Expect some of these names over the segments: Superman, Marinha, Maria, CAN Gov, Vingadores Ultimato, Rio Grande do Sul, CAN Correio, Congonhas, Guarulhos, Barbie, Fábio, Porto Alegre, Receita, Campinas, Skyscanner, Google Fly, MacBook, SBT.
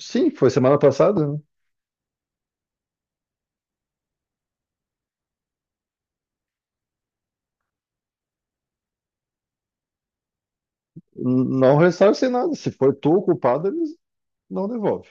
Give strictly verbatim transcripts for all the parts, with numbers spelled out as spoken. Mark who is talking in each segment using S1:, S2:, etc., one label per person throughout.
S1: Sim, foi semana passada, né? Não ressarcem nada. Se for tu o culpado, eles não devolvem.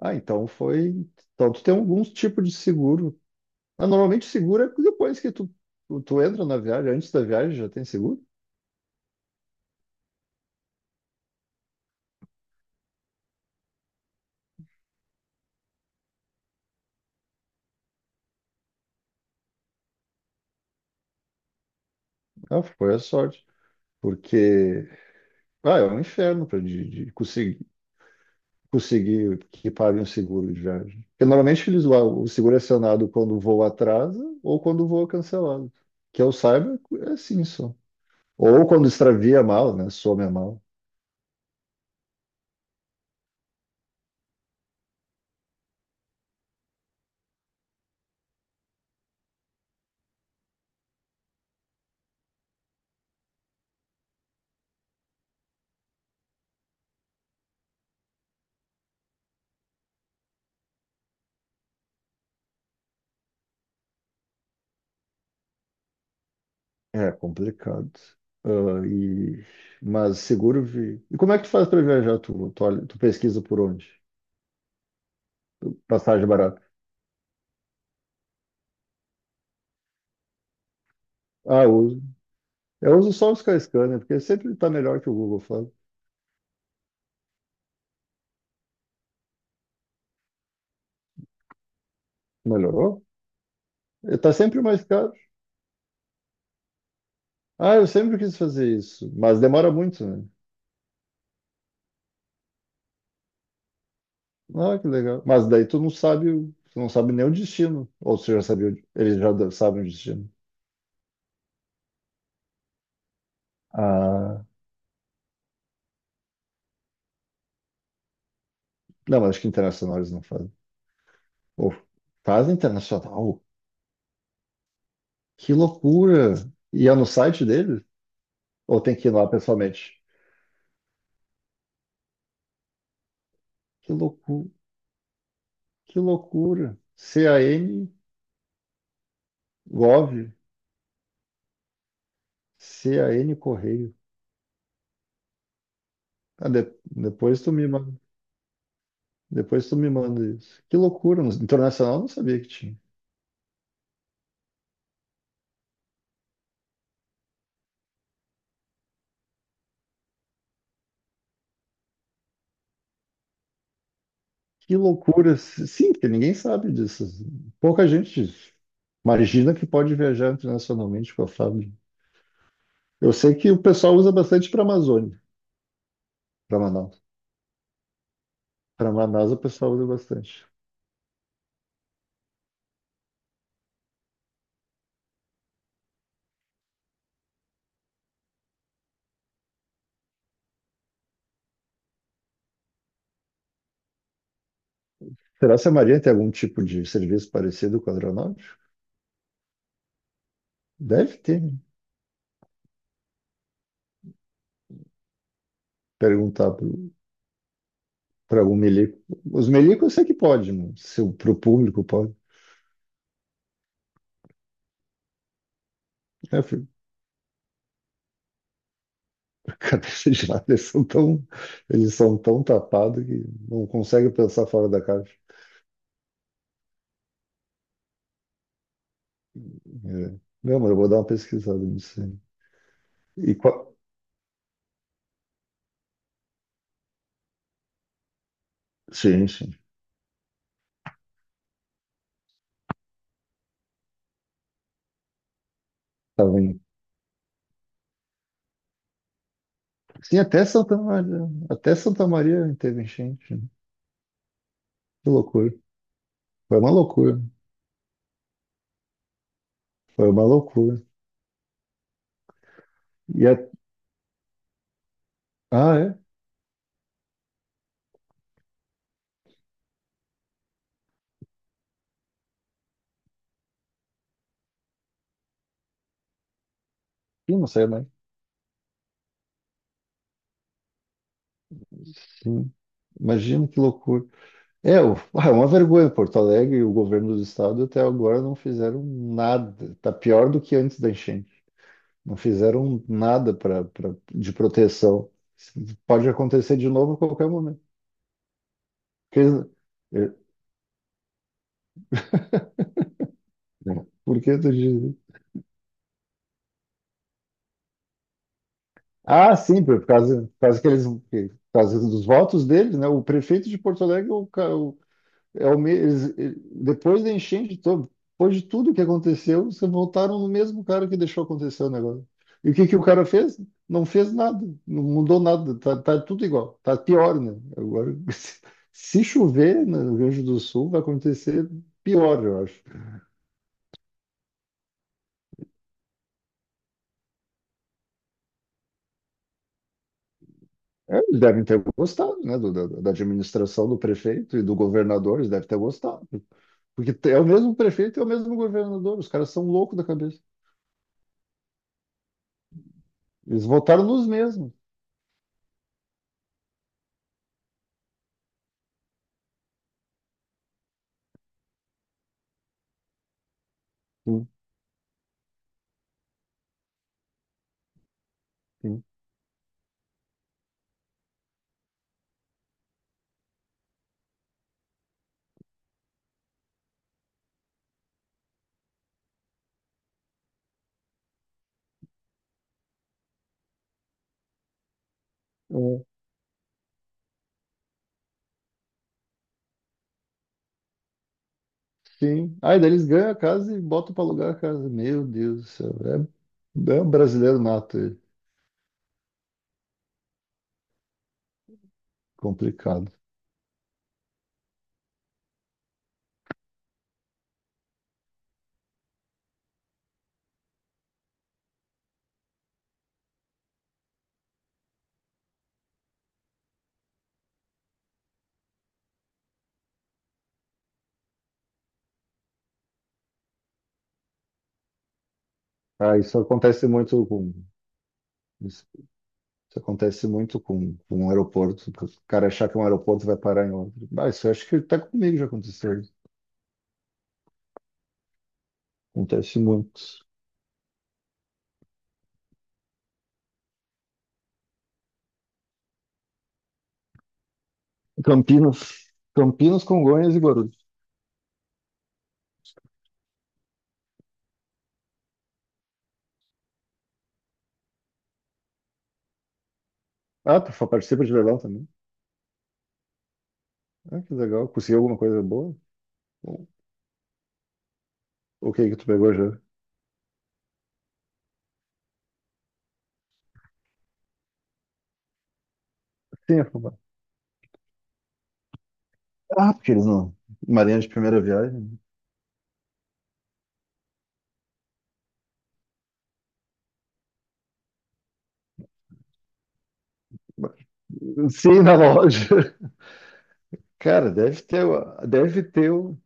S1: Ah, então foi. Então tu tem alguns tipos de seguro. Ah, normalmente seguro é depois que tu, tu tu entra na viagem, antes da viagem já tem seguro. Ah, foi a sorte. Porque ah, é um inferno para de, de conseguir, conseguir que pague um seguro de viagem. Porque normalmente eles lá, o seguro é acionado quando o voo atrasa ou quando o voo é cancelado. Que eu saiba, é assim só. Ou quando extravia a mala, né? Some a mala. É complicado. Ah, e... Mas seguro vi. E como é que tu faz para viajar? Tu, tu, olha- tu pesquisa por onde? Passagem barata. Ah, eu uso. Eu uso só o Skyscanner, porque sempre está melhor que o Google Fly. Melhorou? Está sempre mais caro. Ah, eu sempre quis fazer isso, mas demora muito, né? Ah, que legal. Mas daí tu não sabe, o- tu não sabe nem o destino. Ou tu já sabia, o- eles já da- sabem o destino. Ah, não, mas acho que internacional eles não fazem. Ou fazem internacional? Que loucura! E é no site dele? Ou tem que ir lá pessoalmente? Que loucura! Que loucura! C A N Gov, C A N Correio. Ah, de- depois tu me manda, depois tu me manda isso. Que loucura! No- Internacional eu não sabia que tinha. Que loucura! S- Sim, porque ninguém sabe disso. Pouca gente imagina que pode viajar internacionalmente com a Fábio. Eu sei que o pessoal usa bastante para Amazônia, para Manaus. Para Manaus o pessoal usa bastante. Será se a Maria tem algum tipo de serviço parecido com o aeronáutico? Deve ter, né? Perguntar para algum milico. Os milicos eu sei que pode, né? Se para o público pode. É, filho, a cabeça de lado, eles são tão, eles são tão tapados que não conseguem pensar fora da caixa. É. Não, mas eu vou dar uma pesquisada nisso aí. E qual... Sim, sim. Tá vendo? Sim, até Santa Maria, até Santa Maria teve enchente, né? Que loucura. Foi uma loucura. Foi uma loucura. E a... Ah, é? Sim, não sei mais. Sim. Imagina que loucura. É, o- ah, é uma vergonha. Porto Alegre e o governo do estado até agora não fizeram nada. Tá pior do que antes da enchente. Não fizeram nada pra, pra- de proteção. Pode acontecer de novo a qualquer momento. Porque, é, por que tu diz? Ah, sim, por causa, por causa que eles, por causa dos votos deles, né? O prefeito de Porto Alegre, o, ca- o é o, me- eles, eh, depois da enchente, to- depois de tudo que aconteceu, você voltaram no mesmo cara que deixou acontecer o negócio. E o que que o cara fez? Não fez nada, não mudou nada, tá, tá tudo igual, tá pior, né? Agora, se se chover no Rio Grande do Sul, vai acontecer pior, eu acho. É, eles devem ter gostado, né, do- da, da administração do prefeito e do governador, eles devem ter gostado. Porque é o mesmo prefeito e é o mesmo governador, os caras são loucos da cabeça. Eles votaram nos mesmos. Sim, sim. É, sim. Aí daí eles ganham a casa e botam para alugar a casa. Meu Deus do céu. É, é um brasileiro nato, é complicado. Ah, isso acontece muito com. Isso, isso acontece muito com, com, um aeroporto. Que O cara achar que é um aeroporto e vai parar em outro. Ah, isso eu acho que até comigo já aconteceu. Acontece muito. Campinas. Campinas, Congonhas e Guarulhos. Ah, tu fa- participa de leilão também? Ah, que legal. Conseguiu alguma coisa boa? O o que que tu pegou já? Sim, eu falo, ah, porque eles não. Marinha de primeira viagem. Sim, na loja. Cara, deve ter, deve ter, um,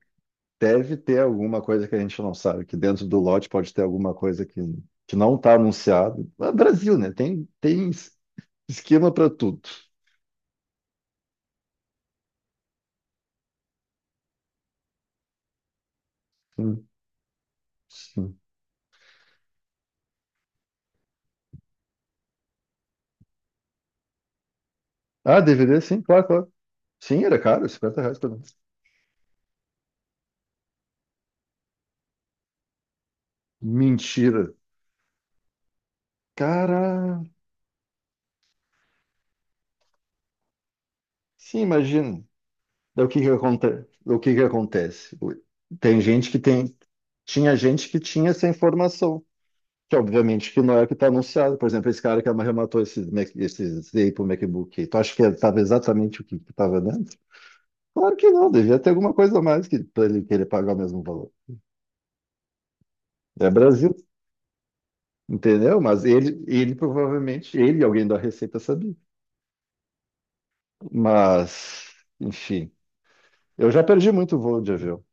S1: deve ter alguma coisa que a gente não sabe, que dentro do lote pode ter alguma coisa que, que não está anunciado. É Brasil, né? Tem, tem es- esquema para tudo. Sim, sim. Ah, D V D, sim, claro, claro. Sim, era caro, cinquenta reais pra mim. Mentira. Cara, sim, imagina. Daí o que que acontece? O que que acontece? Tem gente que tem, tinha gente que tinha essa informação. Que obviamente que não é o que está anunciado. Por exemplo, esse cara que arrematou esse, Mac, esse Z pro MacBook, aí, tu acha que estava exatamente o que estava dentro? Claro que não, devia ter alguma coisa a mais que, para ele querer pagar o mesmo valor. É Brasil, entendeu? Mas ele, ele provavelmente, ele e alguém da Receita sabia. Mas, enfim, eu já perdi muito voo de avião.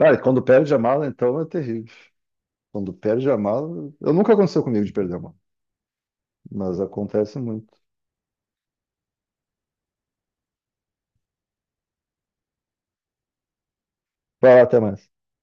S1: Ah, e quando perde a mala, então é terrível. Quando perde a mala, eu nunca aconteceu comigo de perder a mala, mas acontece muito. Vai lá, até mais.